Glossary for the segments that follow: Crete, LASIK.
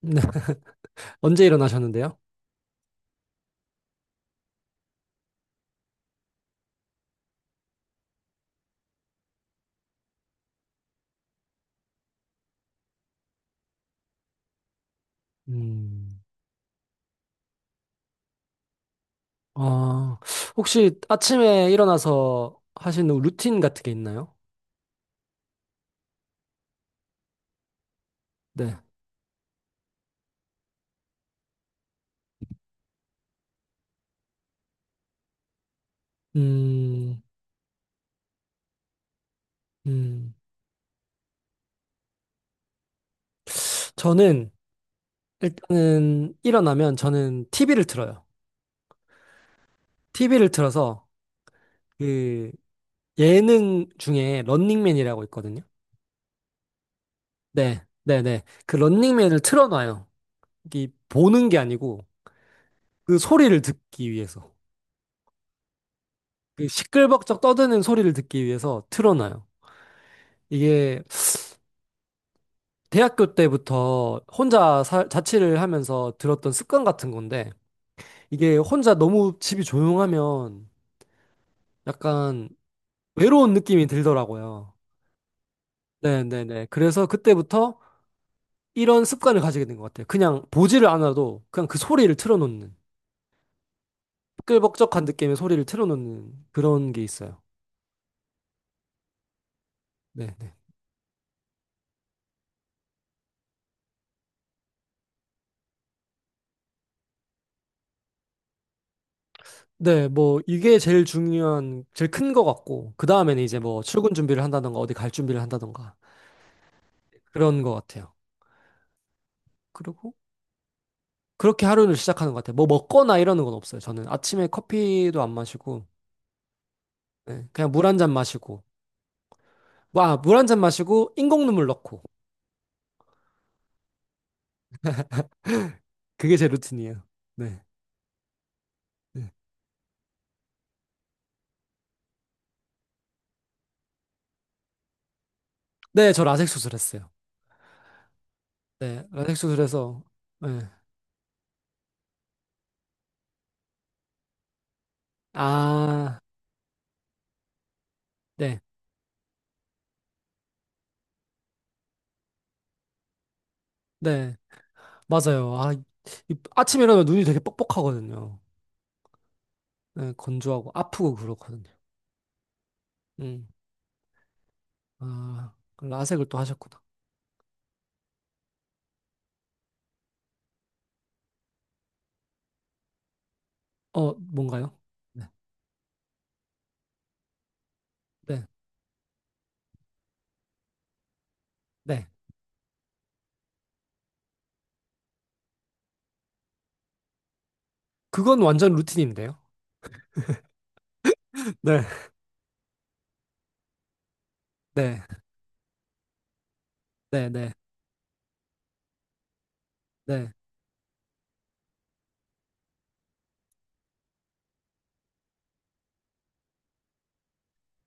네. 언제 일어나셨는데요? 음. 아, 혹시 아침에 일어나서 하시는 루틴 같은 게 있나요? 네. 음, 음. 저는 일단은 일어나면 저는 TV를 틀어요. TV를 틀어서 그 예능 중에 런닝맨이라고 있거든요. 네, 네, 네. 그 런닝맨을 틀어놔요. 이 보는 게 아니고 그 소리를 듣기 위해서. 그 시끌벅적 떠드는 소리를 듣기 위해서 틀어놔요. 이게 대학교 때부터 혼자 살 자취를 하면서 들었던 습관 같은 건데, 이게 혼자 너무 집이 조용하면 약간 외로운 느낌이 들더라고요. 네네네. 그래서 그때부터 이런 습관을 가지게 된 것 같아요. 그냥 보지를 않아도 그냥 그 소리를 틀어놓는, 시끌벅적한 느낌의 소리를 틀어놓는 그런 게 있어요. 네네. 네, 뭐, 이게 제일 중요한, 제일 큰 것 같고, 그 다음에는 이제 뭐, 출근 준비를 한다던가, 어디 갈 준비를 한다던가, 그런 것 같아요. 그리고 그렇게 하루를 시작하는 것 같아요. 뭐 먹거나 이러는 건 없어요. 저는 아침에 커피도 안 마시고, 네, 그냥 물 한 잔 마시고, 뭐, 아, 물 한 잔 마시고, 인공눈물 넣고. 그게 제 루틴이에요. 네. 네, 네, 저 라섹 수술했어요. 네, 라섹 수술해서, 네. 아, 네, 네, 맞아요. 아, 아침에 일어나면 눈이 되게 뻑뻑하거든요. 네, 건조하고 아프고 그렇거든요. 음, 아, 그 라섹을 또 하셨구나. 어, 뭔가요? 네, 네, 네. 그건 완전 루틴인데요. 네. 네. 네네. 네. 네.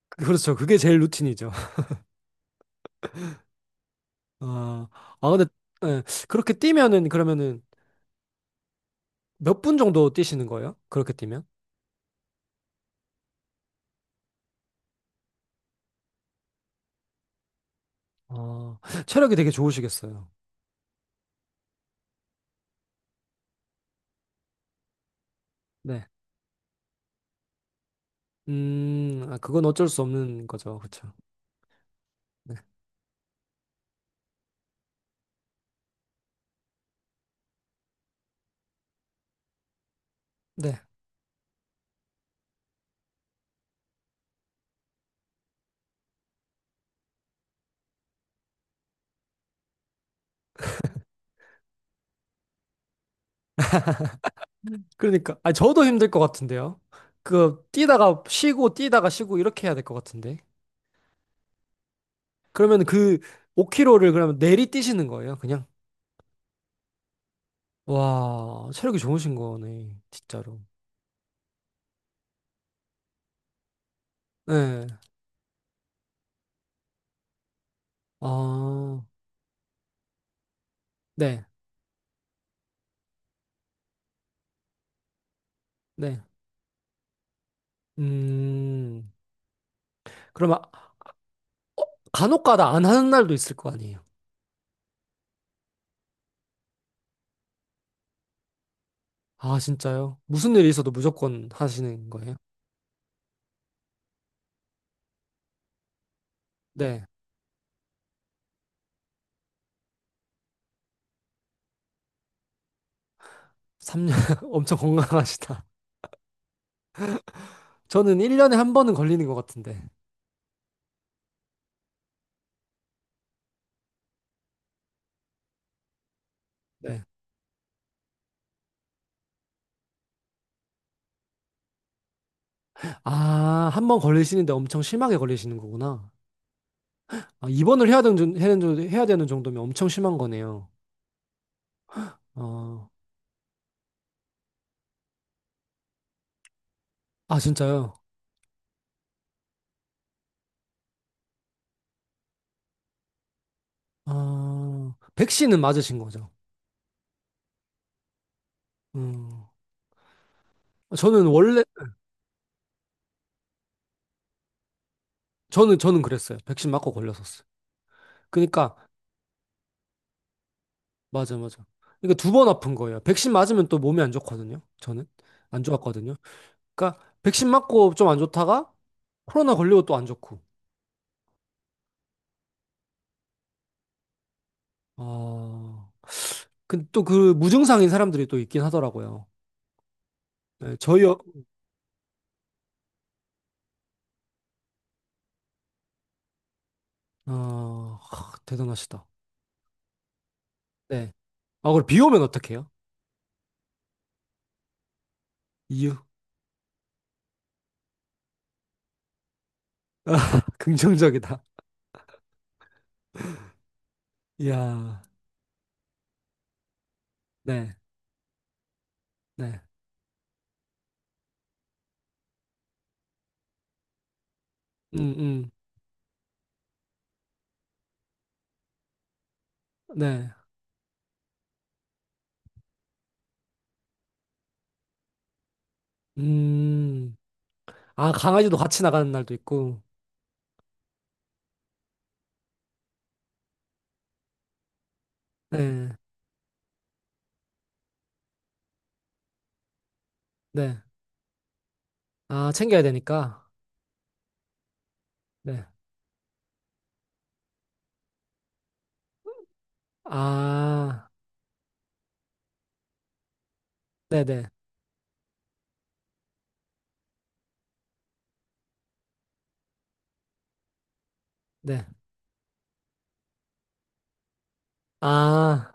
그렇죠. 그게 제일 루틴이죠. 아, 아, 근데, 예, 그렇게 뛰면은, 그러면은, 몇 분 정도 뛰시는 거예요? 그렇게 뛰면? 어, 체력이 되게 좋으시겠어요. 네. 아, 그건 어쩔 수 없는 거죠. 그렇죠. 네. 네. 그러니까, 아, 저도 힘들 것 같은데요. 그, 뛰다가 쉬고, 뛰다가 쉬고, 이렇게 해야 될 것 같은데. 그러면 그, 5km를 그러면 내리 뛰시는 거예요, 그냥? 와, 체력이 좋으신 거네, 진짜로. 네. 아, 네. 네. 음, 그럼 간혹가다 안 하는 날도 있을 거 아니에요? 아, 진짜요? 무슨 일이 있어도 무조건 하시는 거예요? 네. 3년 엄청 건강하시다. 저는 1년에 한 번은 걸리는 것 같은데. 네. 아, 한 번 걸리시는데 엄청 심하게 걸리시는 거구나. 아, 입원을 해야 되는, 해야 되는 해야 되는 정도면 엄청 심한 거네요. 어, 아, 진짜요? 아, 백신은 맞으신 거죠? 음, 저는 원래, 저는, 저는 그랬어요. 백신 맞고 걸렸었어요. 그러니까 맞아, 맞아. 그러니까 두 번 아픈 거예요. 백신 맞으면 또 몸이 안 좋거든요. 저는 안 좋았거든요. 그러니까 백신 맞고 좀 안 좋다가 코로나 걸리고 또 안 좋고. 어, 근데 또 그 무증상인 사람들이 또 있긴 하더라고요. 네, 저희 어, 어, 하, 대단하시다. 네. 아, 그럼 비 오면 어떡해요? 이유. 아, 긍정적이다. 이야. 네. 네. 음, 음. 네. 음. 아, 강아지도 같이 나가는 날도 있고. 네. 네. 아, 챙겨야 되니까. 네. 아, 네네. 네. 아,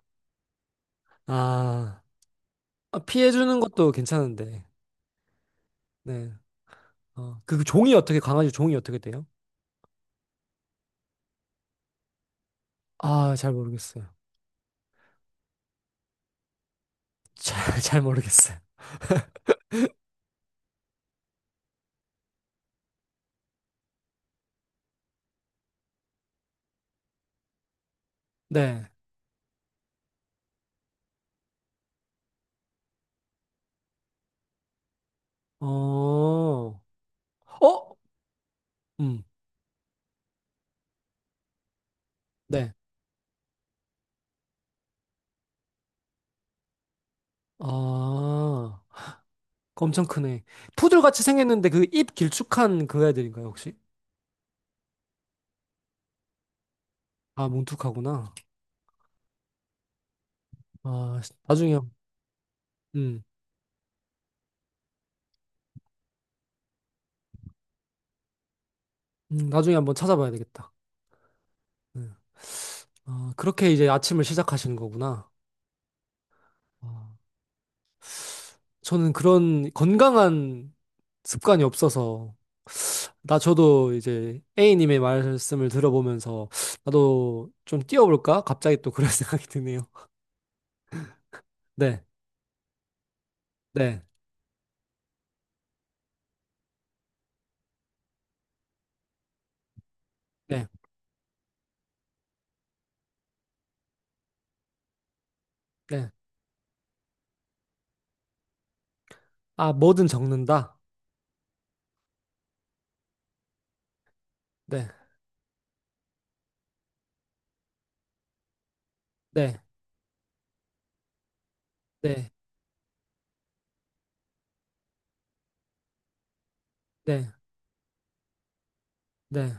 아. 아, 피해주는 것도 괜찮은데. 네. 어, 그 종이 어떻게, 강아지 종이 어떻게 돼요? 아, 잘 모르겠어요. 잘, 잘 모르겠어요. 네. 어, 어? 음, 네. 아, 엄청 크네. 푸들같이 생겼는데 그 입 길쭉한 그 애들인가요, 혹시? 아, 뭉툭하구나. 아, 나중에, 음, 나중에 한번 찾아봐야 되겠다. 네. 아, 그렇게 이제 아침을 시작하시는 거구나. 아, 저는 그런 건강한 습관이 없어서 나 저도 이제 A님의 말씀을 들어보면서 나도 좀 뛰어볼까? 갑자기 또 그런 생각이 드네요. 네, 네, 네, 네. 아, 뭐든 적는다. 네, 네, 네, 네, 네.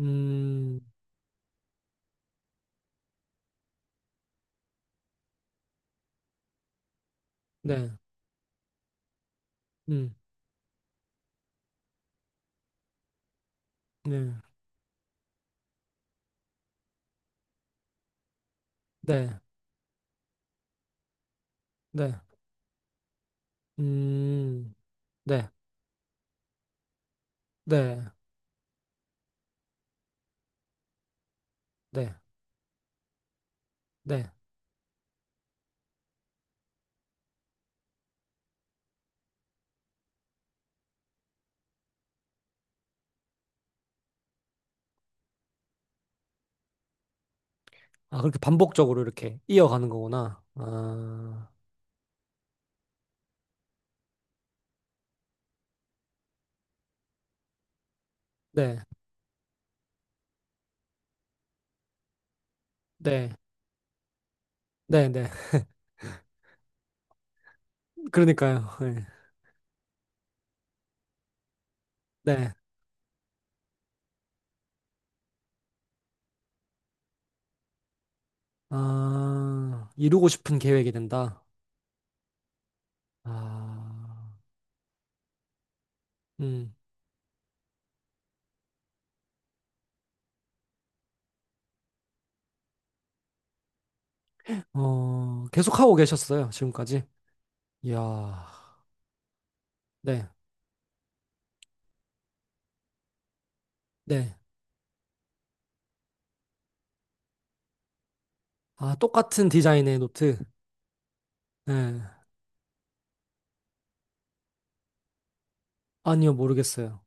음, 네, 음, 네, 네, 네, 음, 네, 네, 네, 네. 아, 그렇게 반복적으로 이렇게 이어가는 거구나. 아, 네. 네. 네네. 그러니까요. 네. 네. 아, 이루고 싶은 계획이 된다. 아, 음, 어, 계속 하고 계셨어요, 지금까지. 이야, 네, 네. 아, 똑같은 디자인의 노트. 네. 아니요, 모르겠어요.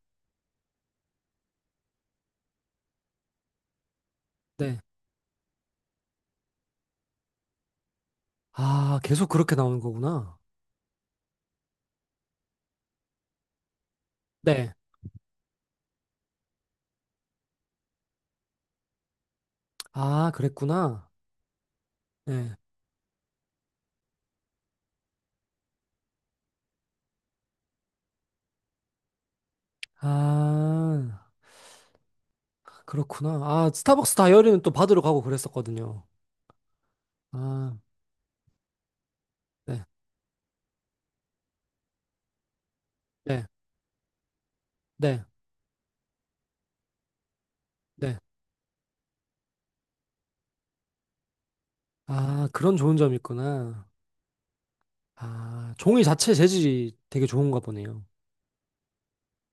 네. 아, 계속 그렇게 나오는 거구나. 네. 아, 그랬구나. 네. 아, 그렇구나. 아, 스타벅스 다이어리는 또 받으러 가고 그랬었거든요. 아, 네, 네, 네. 네. 아, 그런 좋은 점이 있구나. 아, 종이 자체 재질이 되게 좋은가 보네요.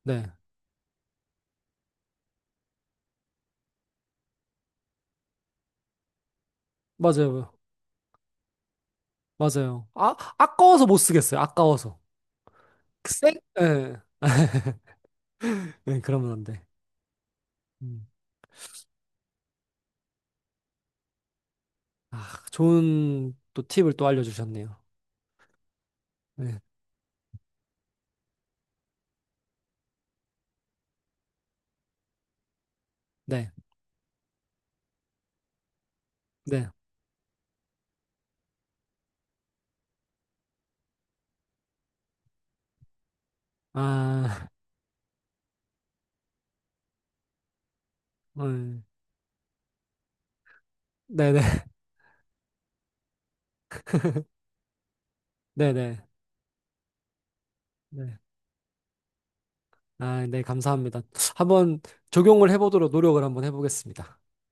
네, 맞아요. 맞아요. 아, 아까워서 못 쓰겠어요. 아까워서. 쌩? 예. 네, 그러면 안 돼. 음. 아, 좋은 또 팁을 또 알려주셨네요. 네, 네, 네. 아, 음, 네네, 네네, 네. 네. 네. 아, 네, 감사합니다. 한번 적용을 해보도록 노력을 한번 해보겠습니다.